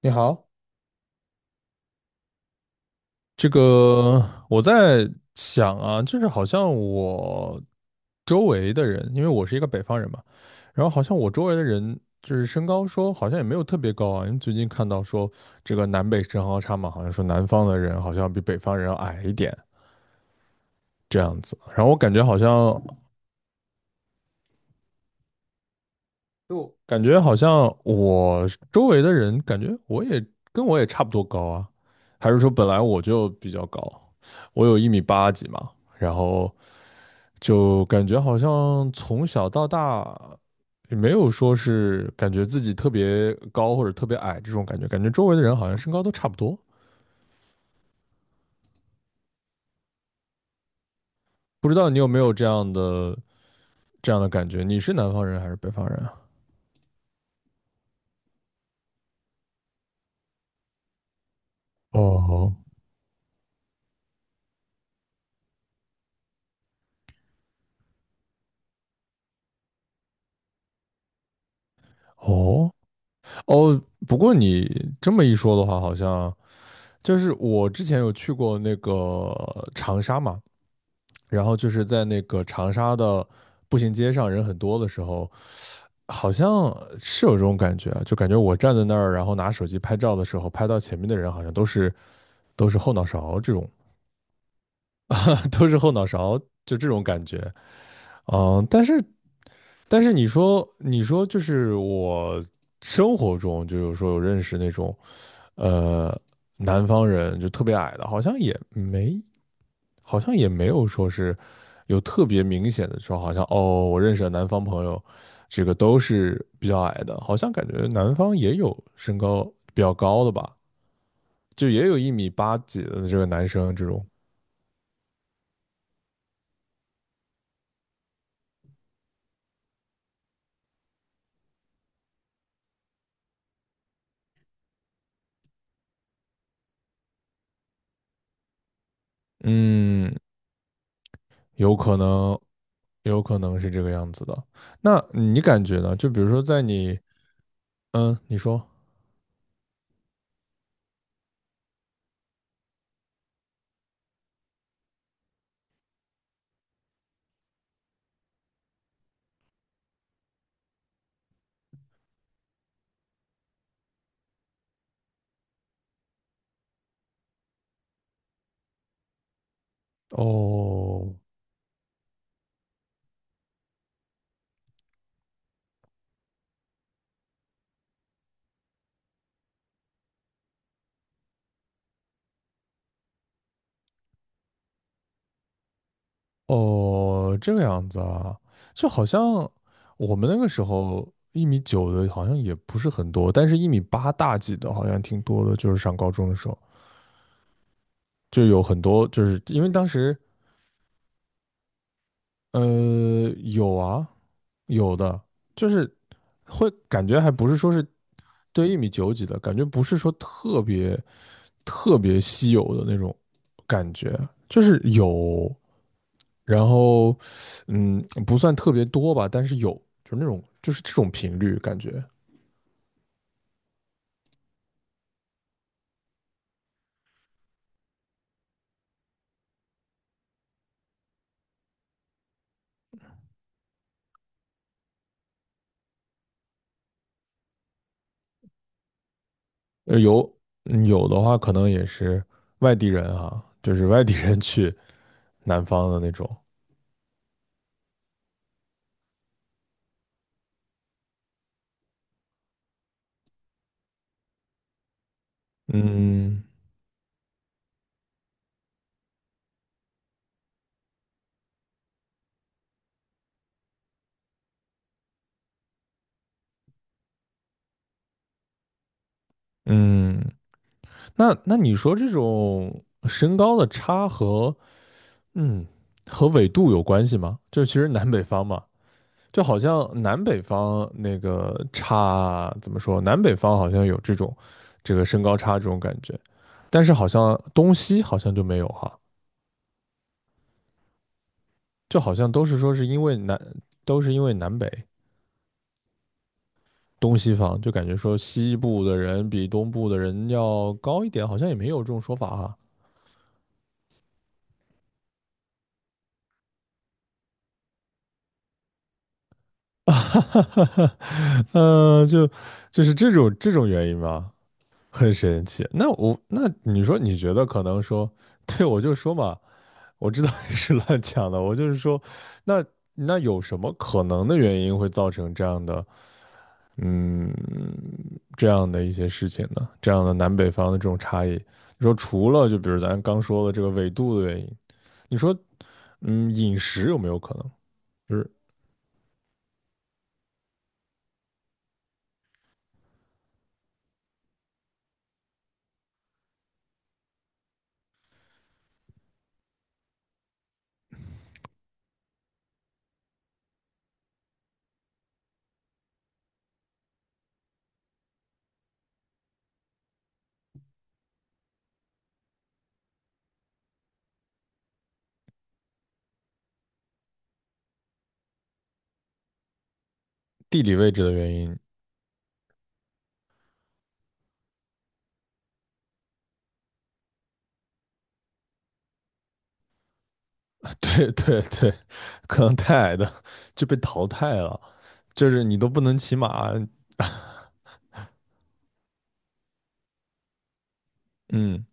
你好，这个我在想啊，就是好像我周围的人，因为我是一个北方人嘛，然后好像我周围的人就是身高说好像也没有特别高啊，因为最近看到说这个南北身高差嘛，好像说南方的人好像比北方人要矮一点这样子，然后我感觉好像就感觉好像我周围的人感觉我也差不多高啊，还是说本来我就比较高，我有一米八几嘛，然后。就感觉好像从小到大也没有说是感觉自己特别高或者特别矮这种感觉，感觉周围的人好像身高都差不多。不知道你有没有这样的感觉？你是南方人还是北方人啊？哦。哦哦，不过你这么一说的话，好像就是我之前有去过那个长沙嘛，然后就是在那个长沙的步行街上人很多的时候，好像是有这种感觉啊，就感觉我站在那儿，然后拿手机拍照的时候，拍到前面的人好像都是后脑勺这种，都是后脑勺就这种感觉。嗯，但是你说就是我生活中就有时候有认识那种呃南方人就特别矮的，好像也没有说是有特别明显的说，好像哦，我认识的南方朋友，这个都是比较矮的，好像感觉南方也有身高比较高的吧，就也有一米八几的这个男生这种。嗯，有可能，有可能是这个样子的。那你感觉呢？就比如说在你，嗯，你说，哦。哦，这个样子啊，就好像我们那个时候一米九的，好像也不是很多，但是1米8大几的，好像挺多的。就是上高中的时候，就有很多，就是因为当时呃有啊，有的，就是会感觉还不是说是对1米9几的感觉，不是说特别特别稀有的那种感觉，就是有。然后，嗯，不算特别多吧，但是有，就是那种就是这种频率感觉。有，有的话可能也是外地人啊，就是外地人去南方的那种。嗯嗯，那你说这种身高的差嗯和纬度有关系吗？就其实南北方嘛，就好像南北方那个差怎么说？南北方好像有这种这个身高差这种感觉，但是好像东西好像就没有哈，就好像都是因为南北东西方，就感觉说西部的人比东部的人要高一点，好像也没有这种说法哈。哈哈哈哈。呃，就就是这种这种原因吧，很神奇。那你说你觉得可能说，对，我就说嘛。我知道你是乱讲的，我就是说，那那有什么可能的原因会造成这样的，嗯，这样的一些事情呢？这样的南北方的这种差异，你说除了就比如咱刚说的这个纬度的原因，你说，嗯，饮食有没有可能，就是地理位置的原因？对对对，可能太矮的 就被淘汰了，就是你都不能骑马。嗯，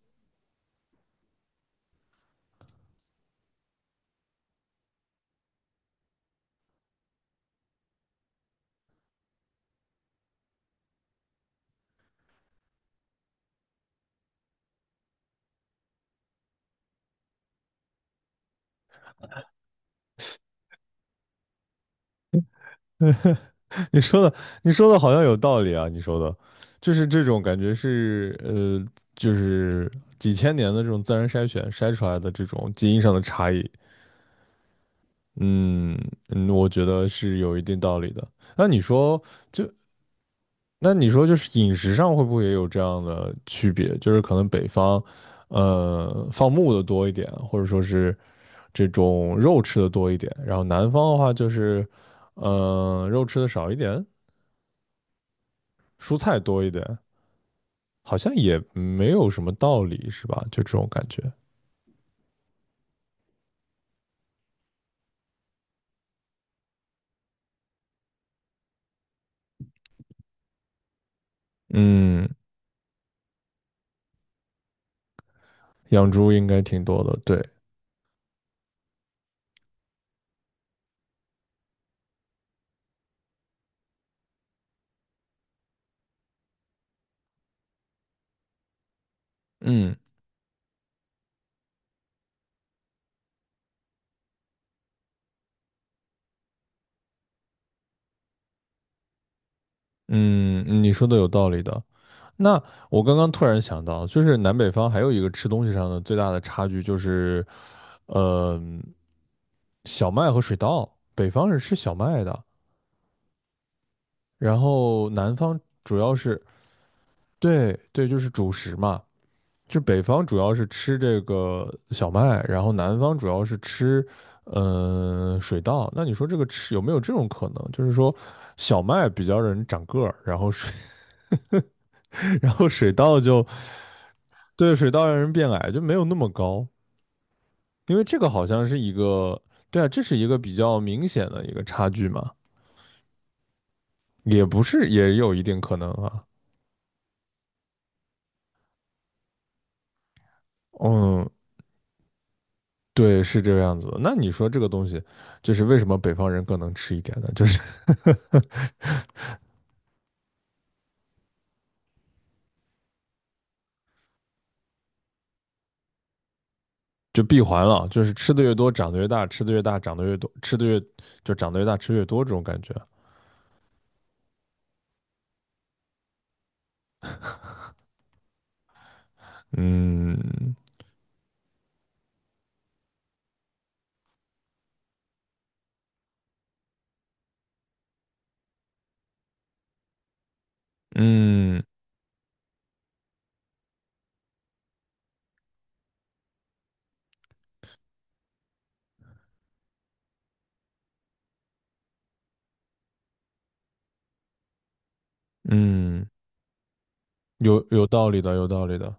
你说的，你说的好像有道理啊！你说的，就是这种感觉是，就是几千年的这种自然筛选筛出来的这种基因上的差异。嗯嗯，我觉得是有一定道理的。那你说，就就是饮食上会不会也有这样的区别？就是可能北方，放牧的多一点，或者说是这种肉吃的多一点，然后南方的话就是，肉吃的少一点，蔬菜多一点。好像也没有什么道理，是吧？就这种感觉。嗯，养猪应该挺多的，对。嗯嗯，你说的有道理的。那我刚刚突然想到，就是南北方还有一个吃东西上的最大的差距，就是呃，小麦和水稻。北方是吃小麦的，然后南方主要是对对，就是主食嘛。就北方主要是吃这个小麦，然后南方主要是吃，水稻。那你说这个吃有没有这种可能？就是说，小麦比较让人长个儿，然后水，然后水稻就，对，水稻让人变矮，就没有那么高。因为这个好像是一个，对啊，这是一个比较明显的一个差距嘛，也不是，也有一定可能啊。嗯，对，是这个样子的。那你说这个东西，就是为什么北方人更能吃一点呢？就是就闭环了，就是吃的越多长得越大，吃的越大长得越多，吃的越就长得越大吃越多这种感觉。嗯嗯嗯，有道理的，有道理的。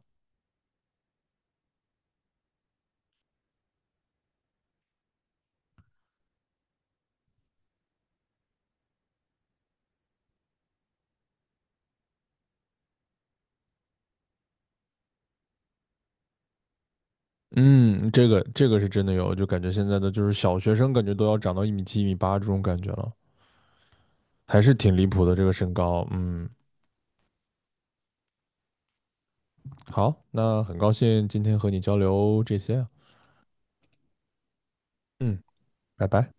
嗯，这个是真的有，就感觉现在的就是小学生感觉都要长到1米7、一米八这种感觉了，还是挺离谱的这个身高。嗯，好，那很高兴今天和你交流这些啊。嗯，拜拜。